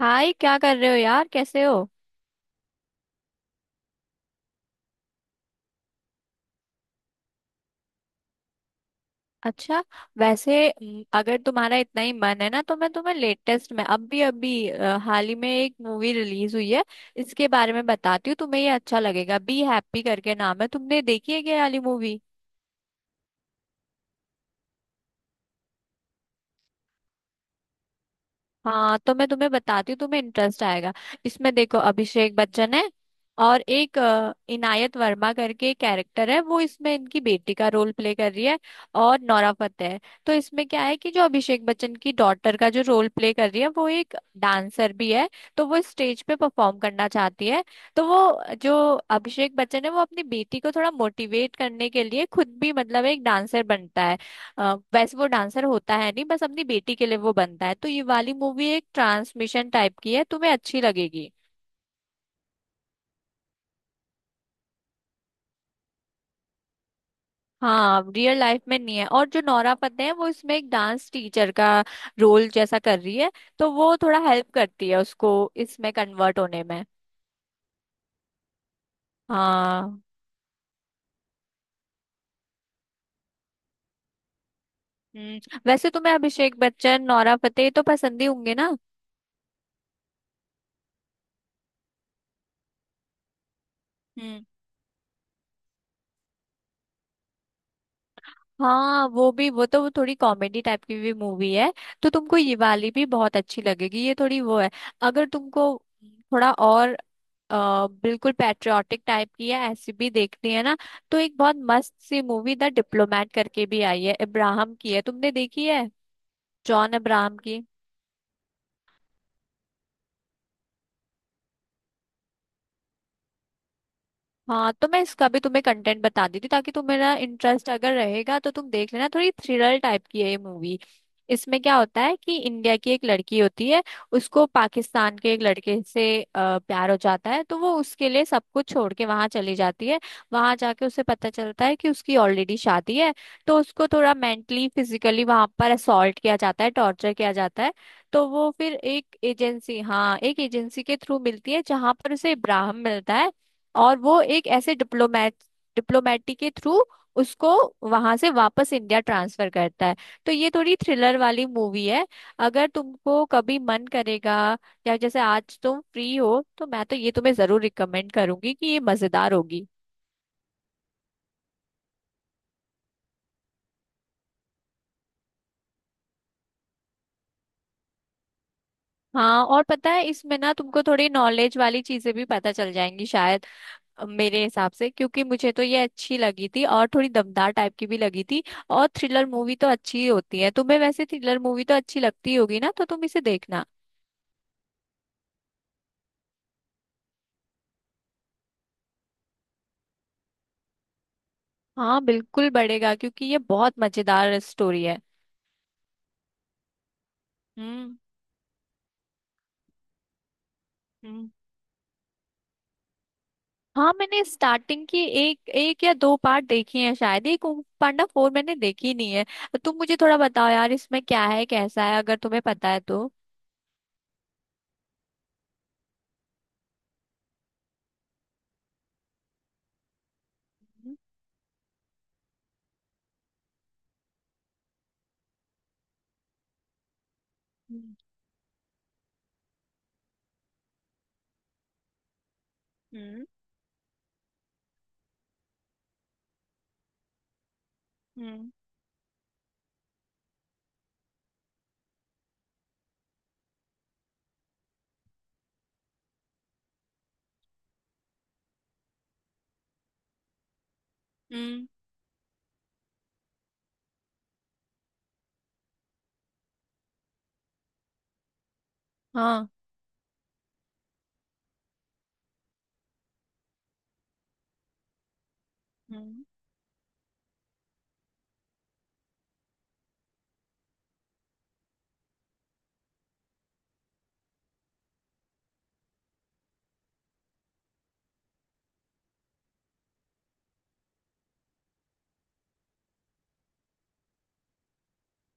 हाय! क्या कर रहे हो यार? कैसे हो? अच्छा। वैसे अगर तुम्हारा इतना ही मन है ना, तो मैं तुम्हें लेटेस्ट में अभी अभी हाल ही में एक मूवी रिलीज हुई है, इसके बारे में बताती हूँ तुम्हें। ये अच्छा लगेगा। बी हैप्पी करके नाम है। तुमने देखी है क्या ये वाली मूवी? हाँ तो मैं तुम्हें बताती हूँ, तुम्हें इंटरेस्ट आएगा। इसमें देखो, अभिषेक बच्चन है। और एक इनायत वर्मा करके कैरेक्टर है, वो इसमें इनकी बेटी का रोल प्ले कर रही है। और नोरा फतेही है। तो इसमें क्या है कि जो अभिषेक बच्चन की डॉटर का जो रोल प्ले कर रही है, वो एक डांसर भी है। तो वो स्टेज पे परफॉर्म करना चाहती है। तो वो जो अभिषेक बच्चन है, वो अपनी बेटी को थोड़ा मोटिवेट करने के लिए खुद भी मतलब एक डांसर बनता है। वैसे वो डांसर होता है नहीं, बस अपनी बेटी के लिए वो बनता है। तो ये वाली मूवी एक ट्रांसमिशन टाइप की है, तुम्हें अच्छी लगेगी। हाँ, रियल लाइफ में नहीं है। और जो नोरा फतेही है वो इसमें एक डांस टीचर का रोल जैसा कर रही है। तो वो थोड़ा हेल्प करती है उसको, इसमें कन्वर्ट होने में। हाँ। वैसे तुम्हें अभिषेक बच्चन नोरा फतेही तो पसंद ही होंगे ना? हम्म। हाँ, वो भी। वो थोड़ी कॉमेडी टाइप की भी मूवी है। तो तुमको ये वाली भी बहुत अच्छी लगेगी। ये थोड़ी वो है। अगर तुमको थोड़ा और बिल्कुल पैट्रियाटिक टाइप की है, ऐसी भी देखनी है ना? तो एक बहुत मस्त सी मूवी द डिप्लोमेट करके भी आई है, इब्राहम की है। तुमने देखी है? जॉन अब्राहम की। हाँ तो मैं इसका भी तुम्हें कंटेंट बता देती हूँ, ताकि तुम्हारा इंटरेस्ट अगर रहेगा तो तुम देख लेना। थोड़ी थ्रिलर टाइप की है ये मूवी। इसमें क्या होता है कि इंडिया की एक लड़की होती है। उसको पाकिस्तान के एक लड़के से प्यार हो जाता है, तो वो उसके लिए सब कुछ छोड़ के वहां चली जाती है। वहां जाके उसे पता चलता है कि उसकी ऑलरेडी शादी है। तो उसको थोड़ा मेंटली फिजिकली वहां पर असॉल्ट किया जाता है, टॉर्चर किया जाता है। तो वो फिर एक एजेंसी, हाँ, एक एजेंसी के थ्रू मिलती है जहां पर उसे इब्राहिम मिलता है। और वो एक ऐसे डिप्लोमेटिक के थ्रू उसको वहां से वापस इंडिया ट्रांसफर करता है। तो ये थोड़ी थ्रिलर वाली मूवी है। अगर तुमको कभी मन करेगा, या जैसे आज तुम फ्री हो, तो मैं तो ये तुम्हें जरूर रिकमेंड करूंगी कि ये मजेदार होगी। हाँ, और पता है इसमें ना तुमको थोड़ी नॉलेज वाली चीजें भी पता चल जाएंगी शायद, मेरे हिसाब से। क्योंकि मुझे तो ये अच्छी लगी थी, और थोड़ी दमदार टाइप की भी लगी थी। और थ्रिलर मूवी तो अच्छी ही होती है। तुम्हें वैसे थ्रिलर मूवी तो अच्छी लगती होगी ना, तो तुम इसे देखना। हाँ, बिल्कुल बढ़ेगा क्योंकि ये बहुत मजेदार स्टोरी है। हम्म। हम्म। हाँ, मैंने स्टार्टिंग की एक एक या दो पार्ट देखी हैं शायद एक। कुंग फू पांडा फोर मैंने देखी नहीं है। तुम मुझे थोड़ा बताओ यार, इसमें क्या है कैसा है अगर तुम्हें पता है तो। हम्म। हम्म। हम्म। हम्म। हम्म, हाँ। हम्म।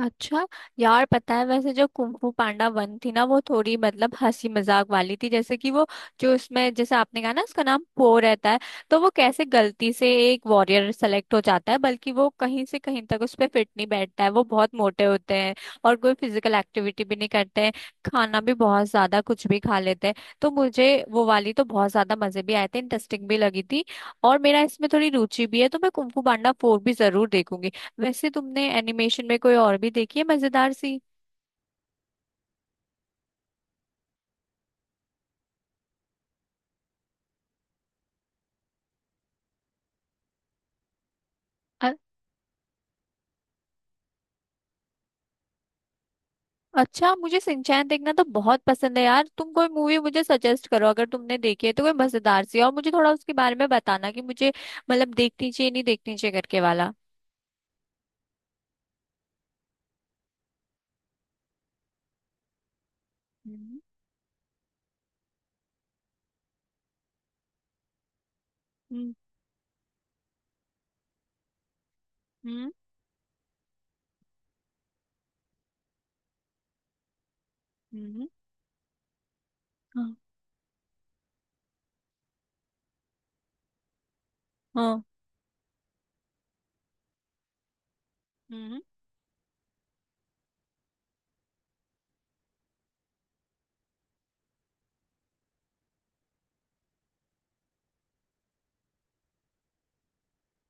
अच्छा। यार पता है वैसे जो कुंफू पांडा वन थी ना, वो थोड़ी मतलब हंसी मजाक वाली थी। जैसे कि वो, जो उसमें जैसे आपने कहा ना, उसका नाम पो रहता है। तो वो कैसे गलती से एक वॉरियर सेलेक्ट हो जाता है, बल्कि वो कहीं से कहीं तक उस पर फिट नहीं बैठता है, वो बहुत मोटे होते हैं। और कोई फिजिकल एक्टिविटी भी नहीं करते हैं। खाना भी बहुत ज्यादा कुछ भी खा लेते हैं। तो मुझे वो वाली तो बहुत ज्यादा मजे भी आए थे, इंटरेस्टिंग भी लगी थी। और मेरा इसमें थोड़ी रुचि भी है, तो मैं कुंफू पांडा फोर भी जरूर देखूंगी। वैसे तुमने एनिमेशन में कोई और भी देखी है मजेदार सी? अ- अच्छा, मुझे सिंचैन देखना तो बहुत पसंद है यार। तुम कोई मूवी मुझे सजेस्ट करो अगर तुमने देखी है तो, कोई मजेदार सी। और मुझे थोड़ा उसके बारे में बताना कि मुझे मतलब देखनी चाहिए नहीं देखनी चाहिए करके वाला। हम्म। हम्म। हम्म। हम्म। हाँ। हाँ। हम्म।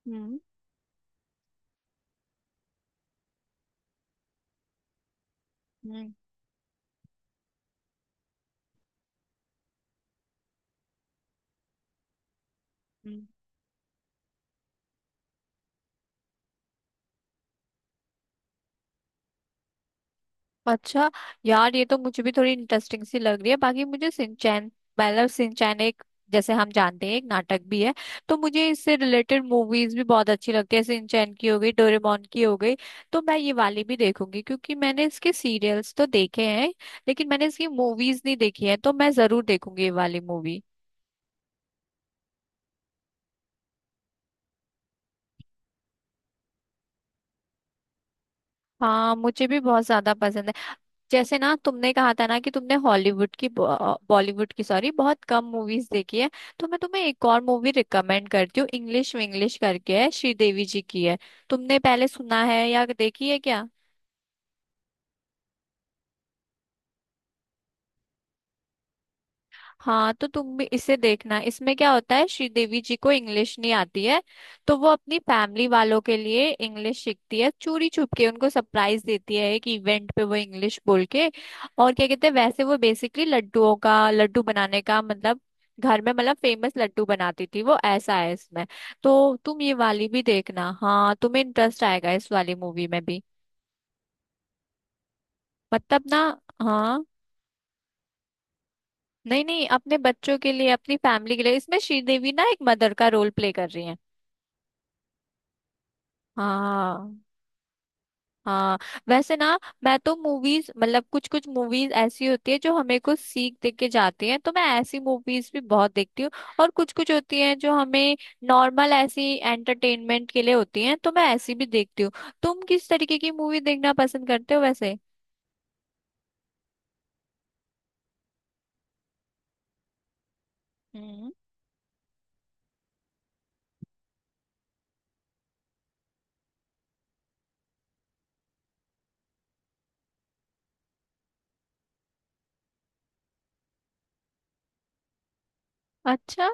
हम्म। हम्म, हम्म। अच्छा। यार ये तो मुझे भी थोड़ी इंटरेस्टिंग सी लग रही है। बाकी मुझे सिंचैन मतलब सिंचैन एक, जैसे हम जानते हैं, एक नाटक भी है। तो मुझे इससे रिलेटेड मूवीज भी बहुत अच्छी लगती है। सिंचैन की हो गई, डोरेमोन की हो गई। तो मैं ये वाली भी देखूंगी क्योंकि मैंने इसके सीरियल्स तो देखे हैं, लेकिन मैंने इसकी मूवीज नहीं देखी है। तो मैं जरूर देखूंगी ये वाली मूवी। हाँ, मुझे भी बहुत ज्यादा पसंद है। जैसे ना तुमने कहा था ना कि तुमने हॉलीवुड की बॉलीवुड की, सॉरी, बहुत कम मूवीज देखी है। तो मैं तुम्हें एक और मूवी रिकमेंड करती हूँ। इंग्लिश विंग्लिश करके है, श्रीदेवी जी की है। तुमने पहले सुना है या देखी है क्या? हाँ, तो तुम भी इसे देखना। इसमें क्या होता है, श्रीदेवी जी को इंग्लिश नहीं आती है। तो वो अपनी फैमिली वालों के लिए इंग्लिश सीखती है, चोरी छुप के उनको सरप्राइज देती है एक इवेंट पे वो इंग्लिश बोल के। और क्या कहते हैं वैसे वो बेसिकली लड्डुओं का, लड्डू बनाने का मतलब, घर में मतलब फेमस लड्डू बनाती थी वो, ऐसा है इसमें। तो तुम ये वाली भी देखना, हाँ। तुम्हें इंटरेस्ट आएगा इस वाली मूवी में भी। मतलब ना। हाँ। नहीं नहीं, अपने बच्चों के लिए, अपनी फैमिली के लिए। इसमें श्रीदेवी ना एक मदर का रोल प्ले कर रही है। हाँ। हाँ, वैसे ना, मैं तो मूवीज मतलब कुछ कुछ मूवीज ऐसी होती है जो हमें कुछ सीख दे के जाती हैं, तो मैं ऐसी मूवीज भी बहुत देखती हूँ। और कुछ कुछ होती हैं जो हमें नॉर्मल ऐसी एंटरटेनमेंट के लिए होती हैं, तो मैं ऐसी भी देखती हूँ। तुम किस तरीके की मूवी देखना पसंद करते हो वैसे? हम्म। अच्छा।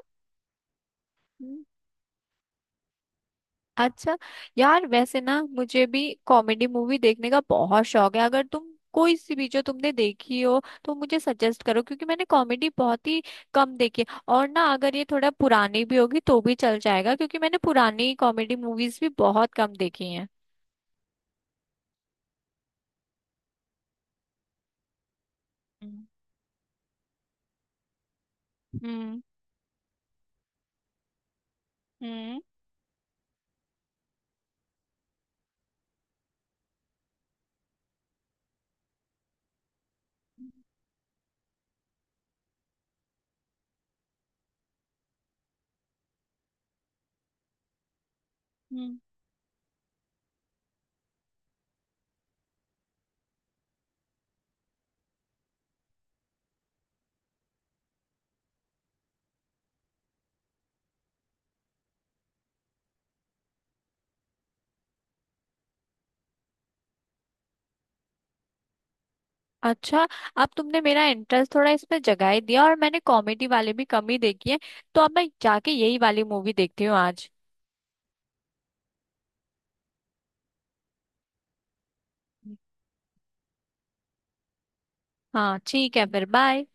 अच्छा। यार वैसे ना मुझे भी कॉमेडी मूवी देखने का बहुत शौक है। अगर तुम कोई सी भी जो तुमने देखी हो तो मुझे सजेस्ट करो, क्योंकि मैंने कॉमेडी बहुत ही कम देखी है। और ना, अगर ये थोड़ा पुरानी भी होगी तो भी चल जाएगा, क्योंकि मैंने पुरानी कॉमेडी मूवीज भी बहुत कम देखी हैं। हम्म। हम्म। हम्म। हम्म। अच्छा। अब तुमने मेरा इंटरेस्ट थोड़ा इसमें जगा ही दिया, और मैंने कॉमेडी वाले भी कम ही देखी है। तो अब मैं जाके यही वाली मूवी देखती हूँ आज। हाँ ठीक है, फिर बाय।